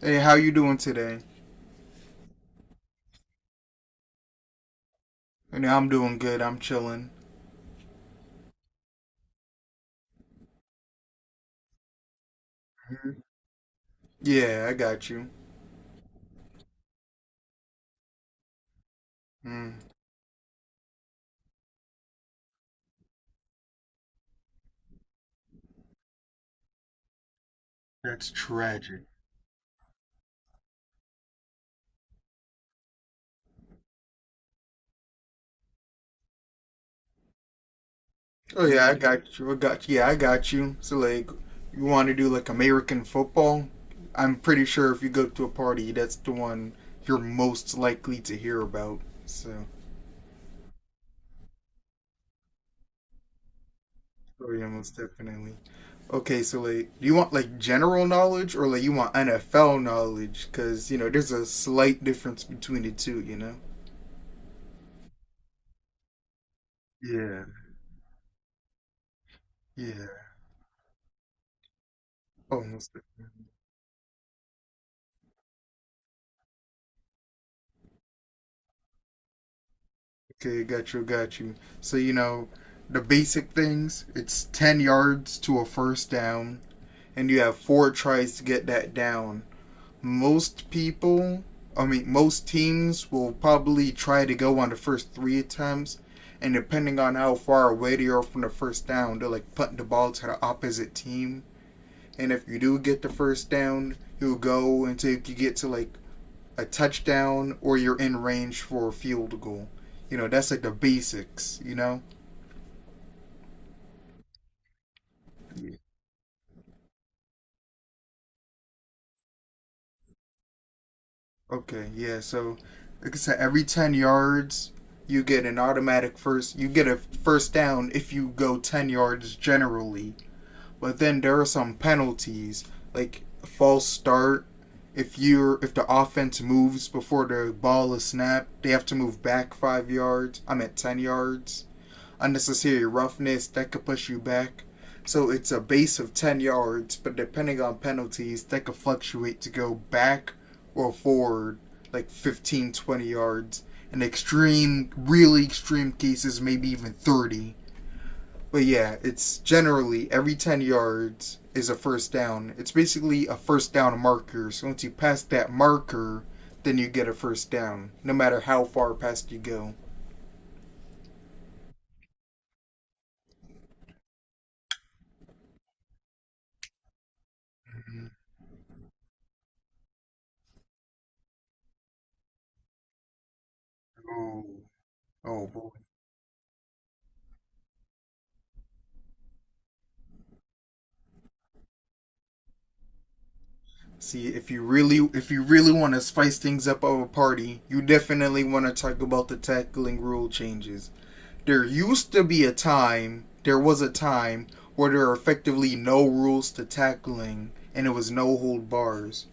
Hey, how you doing today? I'm doing good. I'm chilling. Mm-hmm. Yeah, I got you. Mm. That's tragic. Oh yeah, I got you. I got Yeah, I got you. So like, you want to do like American football? I'm pretty sure if you go to a party, that's the one you're most likely to hear about. So. Oh yeah, most definitely. Okay, so like, do you want like general knowledge or like you want NFL knowledge? Because there's a slight difference between the two. You know? Yeah. Yeah. Oh, most. Okay, got you, got you. So, the basic things it's 10 yards to a first down, and you have four tries to get that down. Most people, I mean, most teams will probably try to go on the first three attempts, and depending on how far away they are from the first down, they'll like punt the ball to the opposite team. And if you do get the first down, you'll go until you get to like a touchdown or you're in range for a field goal. That's like the basics, you know? Okay, yeah, so like I said, every 10 yards, you get a first down if you go 10 yards generally. But then there are some penalties, like a false start. If the offense moves before the ball is snapped, they have to move back five yards. I'm at 10 yards unnecessary roughness that could push you back. So it's a base of 10 yards, but depending on penalties, that could fluctuate to go back or forward like 15, 20 yards. In extreme, really extreme cases, maybe even 30. But yeah, it's generally every 10 yards is a first down. It's basically a first down marker. So once you pass that marker, then you get a first down, no matter how far past you go. Oh, oh boy. See, if you really want to spice things up of a party, you definitely want to talk about the tackling rule changes. There was a time where there were effectively no rules to tackling and it was no hold bars.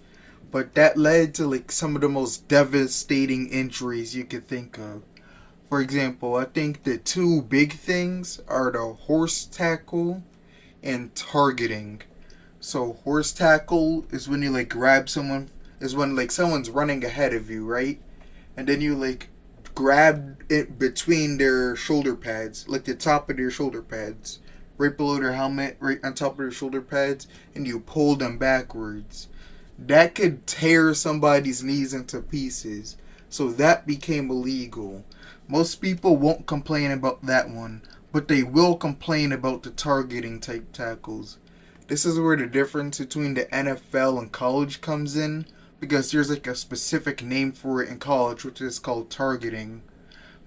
But that led to like some of the most devastating injuries you could think of. For example, I think the two big things are the horse tackle and targeting. So horse tackle is when you like grab someone is when like someone's running ahead of you, right? And then you like grab it between their shoulder pads, like the top of their shoulder pads, right below their helmet, right on top of their shoulder pads, and you pull them backwards. That could tear somebody's knees into pieces. So that became illegal. Most people won't complain about that one, but they will complain about the targeting type tackles. This is where the difference between the NFL and college comes in because there's like a specific name for it in college, which is called targeting.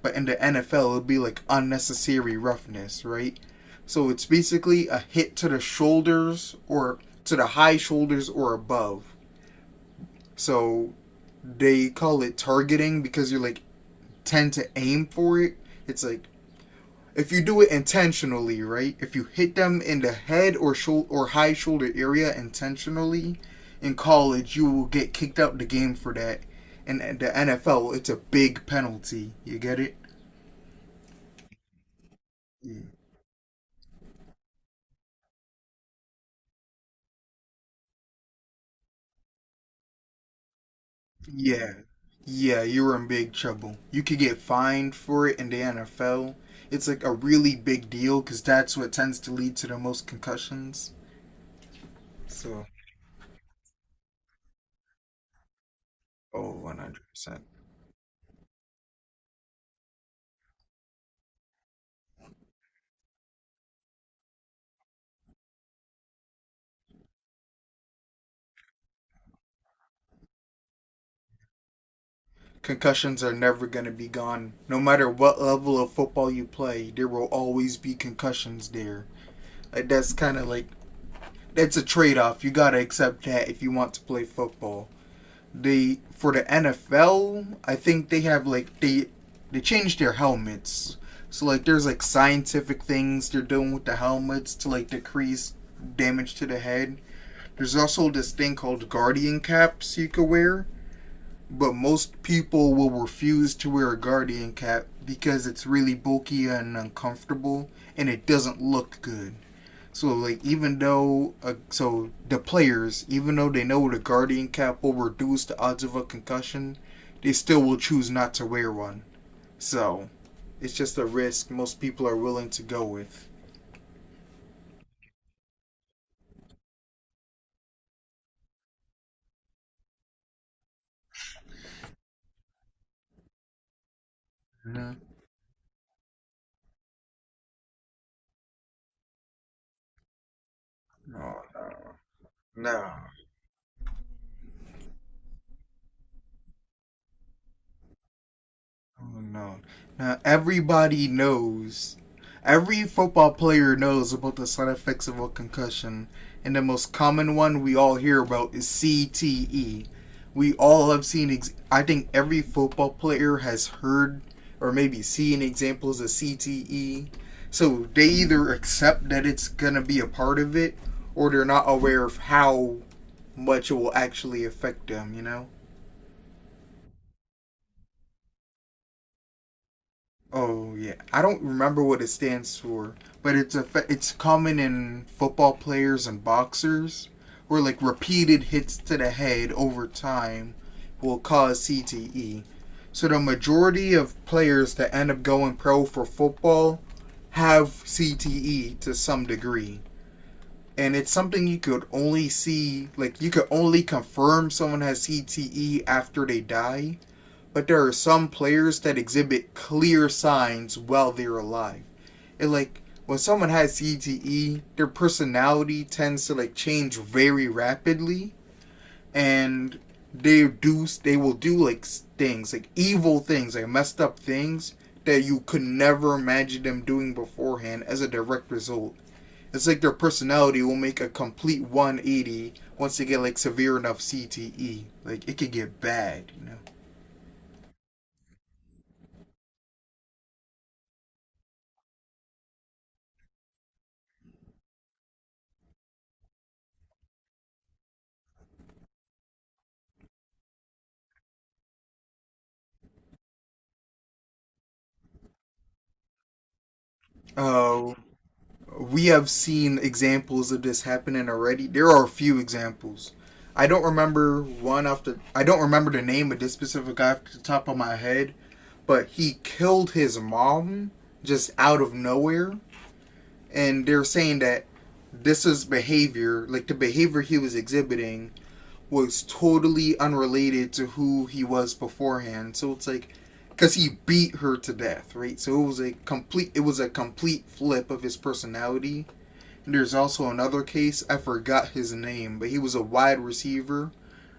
But in the NFL, it'd be like unnecessary roughness, right? So it's basically a hit to the shoulders or to the high shoulders or above. So they call it targeting because you're like tend to aim for it. It's like if you do it intentionally, right? If you hit them in the head or shoulder or high shoulder area intentionally in college, you will get kicked out the game for that. And the NFL, it's a big penalty. You get it? Yeah. Yeah, you're in big trouble. You could get fined for it in the NFL. It's like a really big deal because that's what tends to lead to the most concussions. So, oh, 100%. Concussions are never going to be gone. No matter what level of football you play, there will always be concussions there. Like that's kind of like that's a trade-off. You got to accept that if you want to play football. They for the NFL, I think they have like they changed their helmets. So like there's like scientific things they're doing with the helmets to like decrease damage to the head. There's also this thing called guardian caps you could wear, but most people will refuse to wear a guardian cap because it's really bulky and uncomfortable and it doesn't look good. So like even though so the players, even though they know the guardian cap will reduce the odds of a concussion, they still will choose not to wear one. So it's just a risk most people are willing to go with. No. No. Oh no. Now everybody knows. Every football player knows about the side effects of a concussion, and the most common one we all hear about is CTE. We all have seen. I think every football player has heard or maybe seen examples of CTE. So they either accept that it's gonna be a part of it, or they're not aware of how much it will actually affect them. You know. Oh yeah, I don't remember what it stands for, but it's common in football players and boxers, where like repeated hits to the head over time will cause CTE. So the majority of players that end up going pro for football have CTE to some degree, and it's something you could only confirm someone has CTE after they die, but there are some players that exhibit clear signs while they're alive. And like when someone has CTE, their personality tends to like change very rapidly, and they will do like things, like evil things, like messed up things that you could never imagine them doing beforehand as a direct result. It's like their personality will make a complete 180 once they get like severe enough CTE. Like it could get bad, you know. Oh, we have seen examples of this happening already. There are a few examples. I don't remember one off the. I don't remember the name of this specific guy off the top of my head, but he killed his mom just out of nowhere, and they're saying that this is behavior, like the behavior he was exhibiting, was totally unrelated to who he was beforehand. So it's like, because he beat her to death, right? It was a complete flip of his personality. There's also another case, I forgot his name, but he was a wide receiver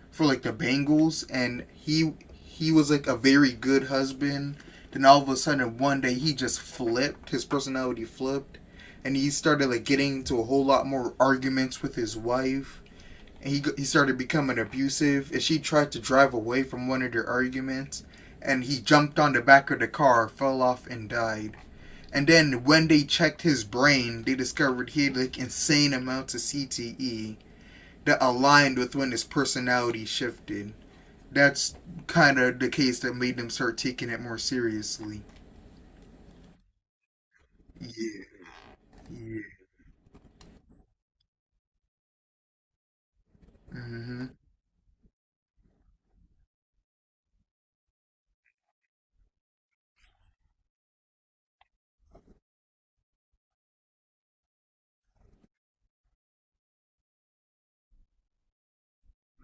for like the Bengals and he was like a very good husband. Then all of a sudden one day he just flipped, his personality flipped, and he started like getting into a whole lot more arguments with his wife, and he started becoming abusive, and she tried to drive away from one of their arguments, and he jumped on the back of the car, fell off and died. And then when they checked his brain, they discovered he had like insane amounts of CTE that aligned with when his personality shifted. That's kind of the case that made them start taking it more seriously. Yeah, yeah. Mm-hmm.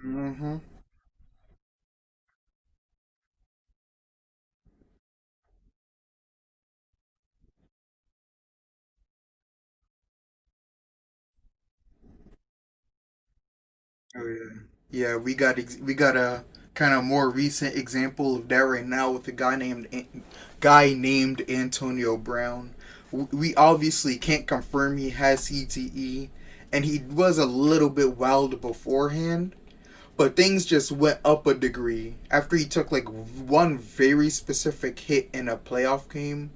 Mm-hmm. Oh yeah. Yeah, we got a kind of more recent example of that right now with a guy named Antonio Brown. We obviously can't confirm he has CTE, and he was a little bit wild beforehand. But things just went up a degree after he took like one very specific hit in a playoff game.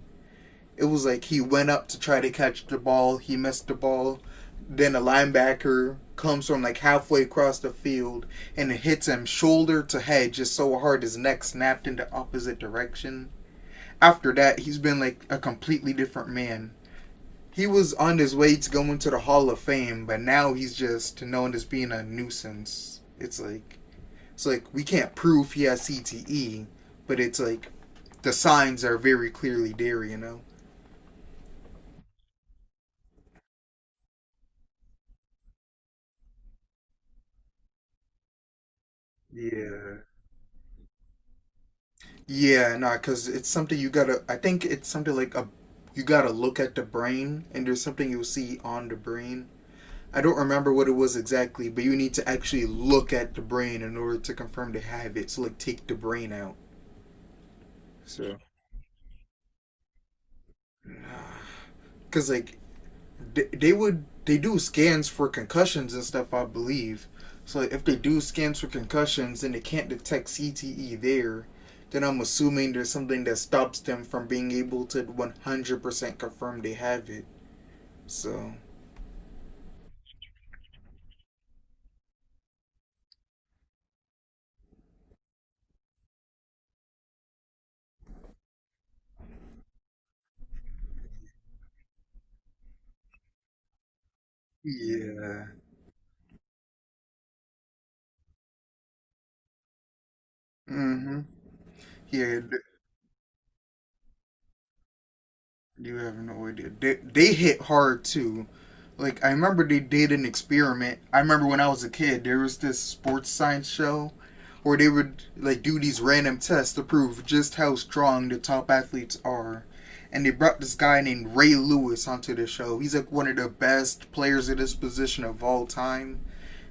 It was like he went up to try to catch the ball, he missed the ball, then a linebacker comes from like halfway across the field and it hits him shoulder to head just so hard his neck snapped in the opposite direction. After that, he's been like a completely different man. He was on his way to going to the Hall of Fame, but now he's just known as being a nuisance. It's like we can't prove he has CTE, but it's like the signs are very clearly there, you know. Yeah. Yeah, nah, because it's something you gotta. I think it's something like a. You gotta look at the brain, and there's something you'll see on the brain. I don't remember what it was exactly, but you need to actually look at the brain in order to confirm they have it. So like, take the brain out. So, because like, they do scans for concussions and stuff, I believe. So like, if they do scans for concussions and they can't detect CTE there, then I'm assuming there's something that stops them from being able to 100% confirm they have it. So yeah, mm-hmm. Yeah, you have no idea. They hit hard too. Like I remember they did an experiment. I remember when I was a kid, there was this sports science show where they would like do these random tests to prove just how strong the top athletes are. And they brought this guy named Ray Lewis onto the show. He's like one of the best players at this position of all time,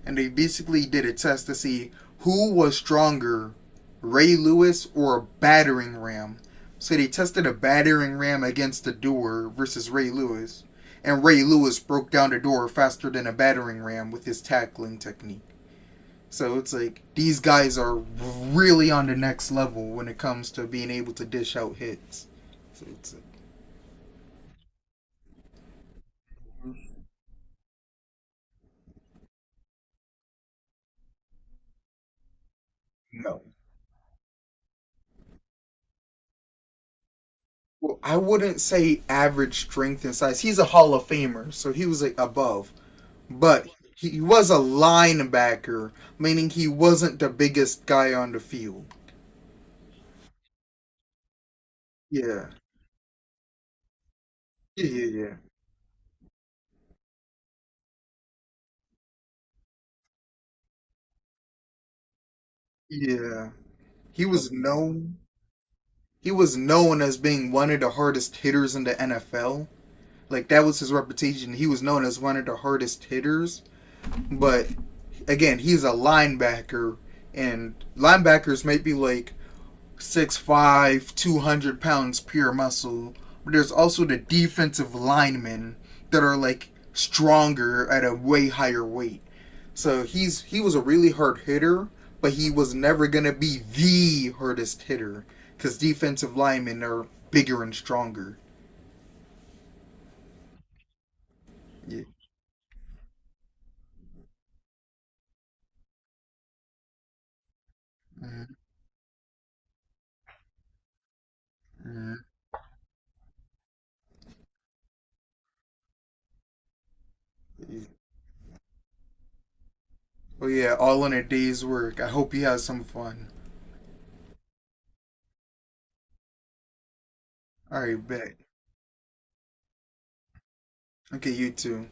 and they basically did a test to see who was stronger, Ray Lewis or a battering ram. So they tested a battering ram against the door versus Ray Lewis, and Ray Lewis broke down the door faster than a battering ram with his tackling technique. So it's like these guys are really on the next level when it comes to being able to dish out hits. So it's like, no. Well, I wouldn't say average strength and size. He's a Hall of Famer, so he was like above, but he was a linebacker, meaning he wasn't the biggest guy on the field. Yeah, yeah, yeah, yeah. Yeah. He was known. He was known as being one of the hardest hitters in the NFL. Like that was his reputation. He was known as one of the hardest hitters. But again, he's a linebacker, and linebackers might be like 6'5", 200 pounds pure muscle. But there's also the defensive linemen that are like stronger at a way higher weight. So he was a really hard hitter, but he was never gonna be the hardest hitter because defensive linemen are bigger and stronger. Yeah. Mm-hmm. Yeah. Oh yeah, all in a day's work. I hope you have some fun. All right, bet. Okay, you too.